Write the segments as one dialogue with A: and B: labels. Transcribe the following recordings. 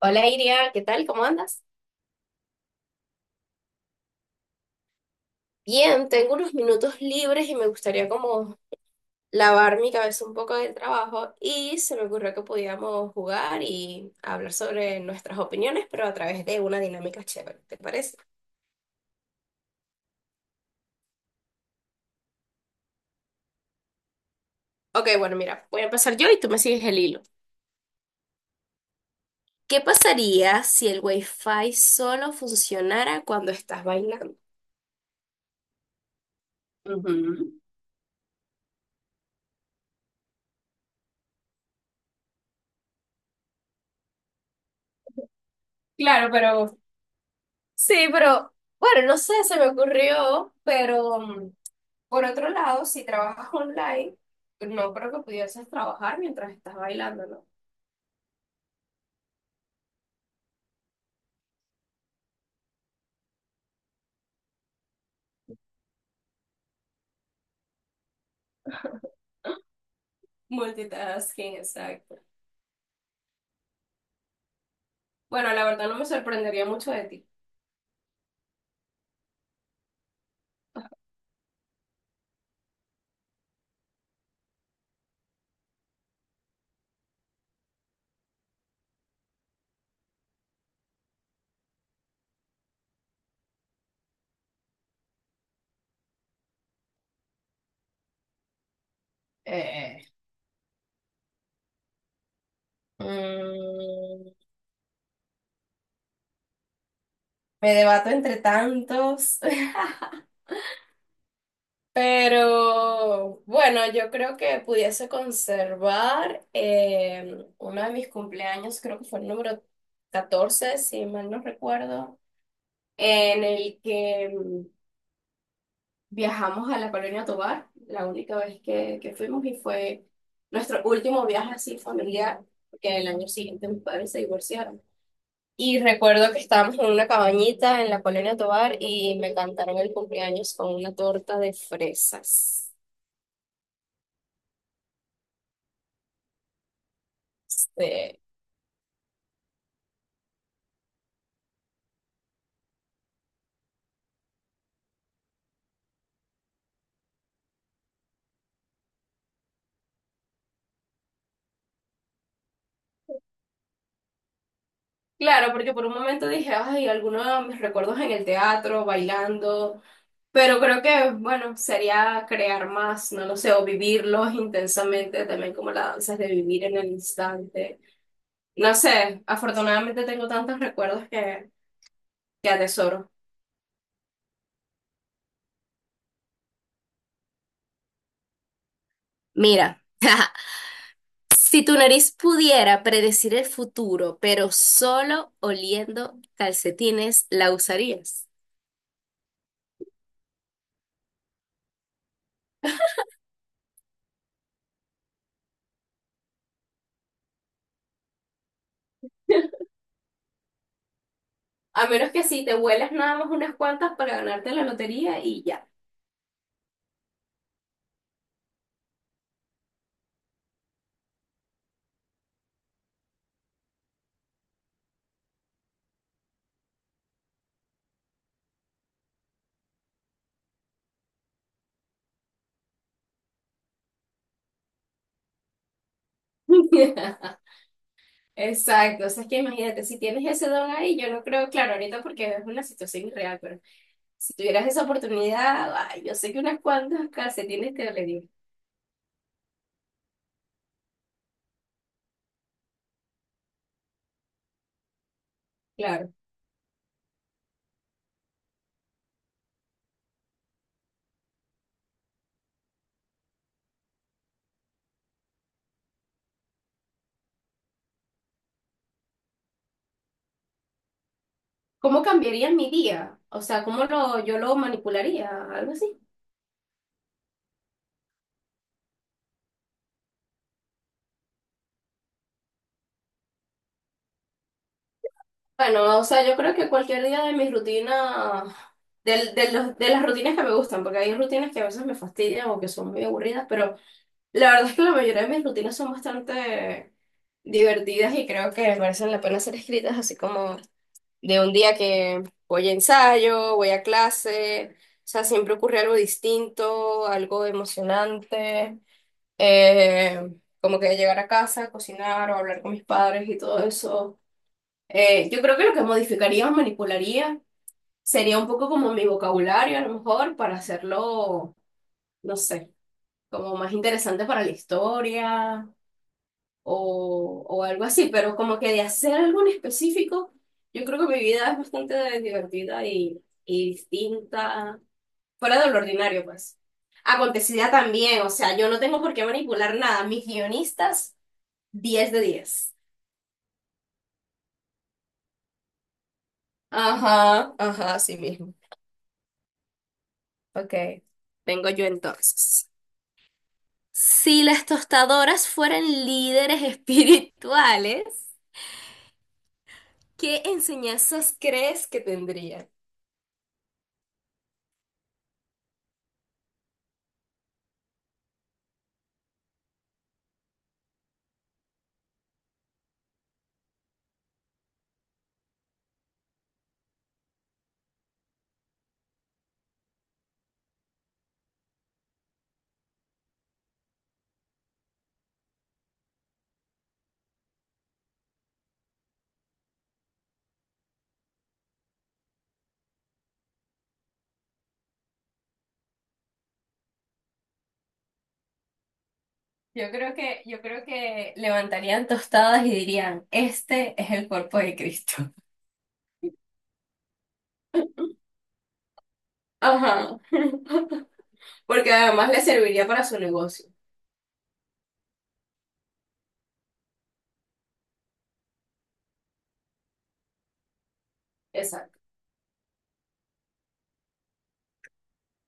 A: Hola Iria, ¿qué tal? ¿Cómo andas? Bien, tengo unos minutos libres y me gustaría como lavar mi cabeza un poco del trabajo y se me ocurrió que podíamos jugar y hablar sobre nuestras opiniones, pero a través de una dinámica chévere, ¿te parece? Ok, bueno, mira, voy a empezar yo y tú me sigues el hilo. ¿Qué pasaría si el Wi-Fi solo funcionara cuando estás bailando? Ujú. Claro, pero sí, pero bueno, no sé, se me ocurrió, pero por otro lado, si trabajas online, no creo que pudieses trabajar mientras estás bailando, ¿no? Multitasking, exacto. Bueno, la verdad no me sorprendería mucho de ti. Eh, mm, Me debato entre tantos, pero bueno, yo creo que pudiese conservar uno de mis cumpleaños, creo que fue el número 14 si mal no recuerdo, en el que. Viajamos a la Colonia Tovar, la única vez que fuimos y fue nuestro último viaje así familiar, porque el año siguiente mis padres se divorciaron. Y recuerdo que estábamos en una cabañita en la Colonia Tovar y me cantaron el cumpleaños con una torta de fresas. Este, claro, porque por un momento dije, ay, algunos de mis recuerdos en el teatro, bailando, pero creo que, bueno, sería crear más, no lo sé, o vivirlos intensamente, también como la danza es de vivir en el instante. No sé, afortunadamente tengo tantos recuerdos que atesoro. Mira, si tu nariz pudiera predecir el futuro, pero solo oliendo calcetines, ¿la usarías? A menos que sí, te huelas nada más unas cuantas para ganarte la lotería y ya. Exacto, o sea, es que imagínate, si tienes ese don ahí, yo no creo, claro, ahorita porque es una situación irreal, pero si tuvieras esa oportunidad, ay, yo sé que unas cuantas calcetines te dolerían, claro. ¿Cómo cambiaría mi día? O sea, ¿cómo lo, yo lo manipularía? Algo así. Bueno, o sea, yo creo que cualquier día de mi rutina, de las rutinas que me gustan, porque hay rutinas que a veces me fastidian o que son muy aburridas, pero la verdad es que la mayoría de mis rutinas son bastante divertidas y creo que merecen la pena ser escritas, así como de un día que voy a ensayo, voy a clase, o sea, siempre ocurre algo distinto, algo emocionante. Eh, Como que llegar a casa, cocinar o hablar con mis padres y todo eso. Yo creo que lo que modificaría o manipularía sería un poco como mi vocabulario, a lo mejor, para hacerlo, no sé, como más interesante para la historia o algo así, pero como que de hacer algo en específico, yo creo que mi vida es bastante divertida y distinta, fuera de lo ordinario, pues acontecida también, o sea, yo no tengo por qué manipular nada. Mis guionistas 10 de 10. Ajá, ajá, así mismo. Ok, vengo yo entonces. Si las tostadoras fueran líderes espirituales, ¿qué enseñanzas crees que tendrían? Yo creo que levantarían tostadas y dirían, este es el cuerpo de Cristo. Ajá. Porque además le serviría para su negocio. Exacto.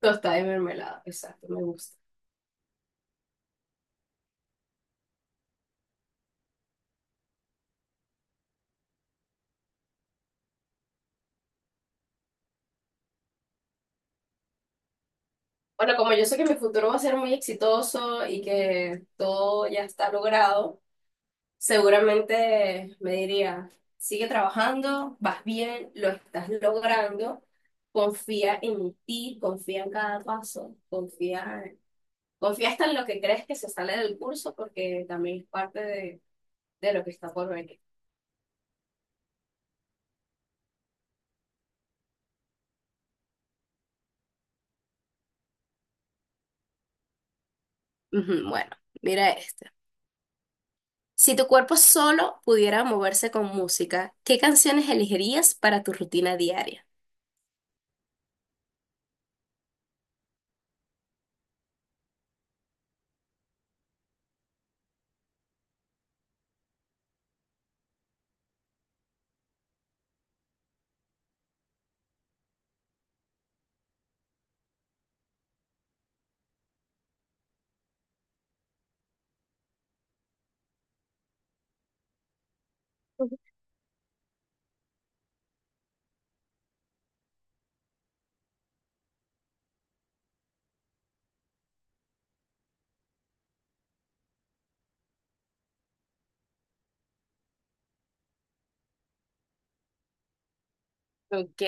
A: Tostada y mermelada. Exacto, me gusta. Bueno, como yo sé que mi futuro va a ser muy exitoso y que todo ya está logrado, seguramente me diría, sigue trabajando, vas bien, lo estás logrando, confía en ti, confía en cada paso, confía, confía hasta en lo que crees que se sale del curso porque también es parte de lo que está por venir. Ujú. Bueno, mira este. Si tu cuerpo solo pudiera moverse con música, ¿qué canciones elegirías para tu rutina diaria? Ok,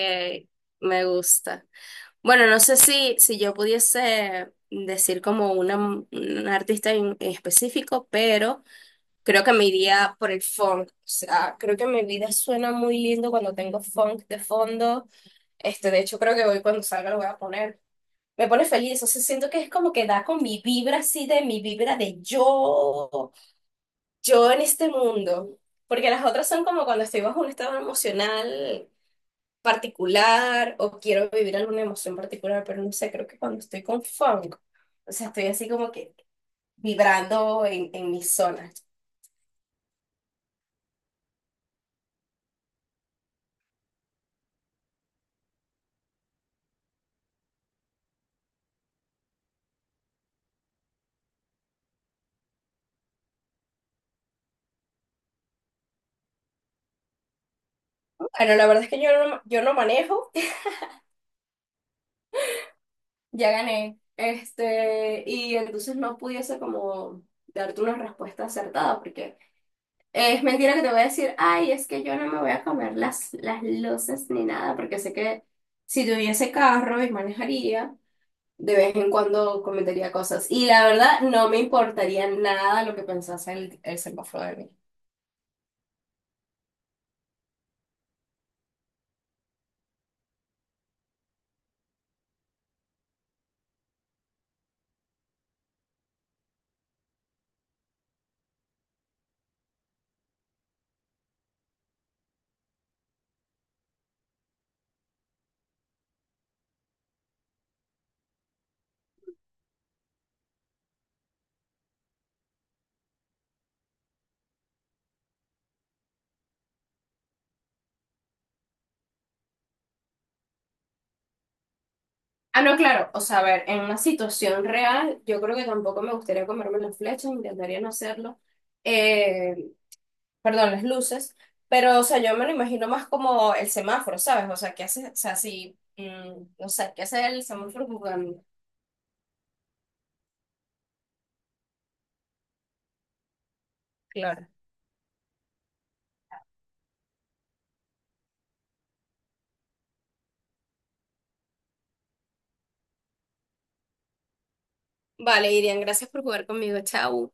A: me gusta. Bueno, no sé si yo pudiese decir como una, un artista en específico, pero creo que me iría por el funk. O sea, creo que mi vida suena muy lindo cuando tengo funk de fondo. De hecho, creo que hoy cuando salga lo voy a poner. Me pone feliz, o sea, siento que es como que da con mi vibra así de mi vibra de yo, yo en este mundo. Porque las otras son como cuando estoy bajo un estado emocional particular o quiero vivir alguna emoción particular, pero no sé, creo que cuando estoy con funk, o sea, estoy así como que vibrando en mis zonas. Bueno, la verdad es que yo no manejo, ya gané, y entonces no pudiese como darte una respuesta acertada, porque es mentira que te voy a decir, ay, es que yo no me voy a comer las luces ni nada, porque sé que si tuviese carro y manejaría. De vez en cuando comentaría cosas. Y la verdad, no me importaría nada lo que pensase el semáforo de mí. Ah, no, claro. O sea, a ver, en una situación real, yo creo que tampoco me gustaría comerme las flechas, intentaría no hacerlo. Eh, Perdón, las luces. Pero, o sea, yo me lo imagino más como el semáforo, ¿sabes? O sea, ¿qué hace? O sea, si, no sé, ¿qué hace el semáforo jugando? Claro. Vale, Irian, gracias por jugar conmigo. Chao.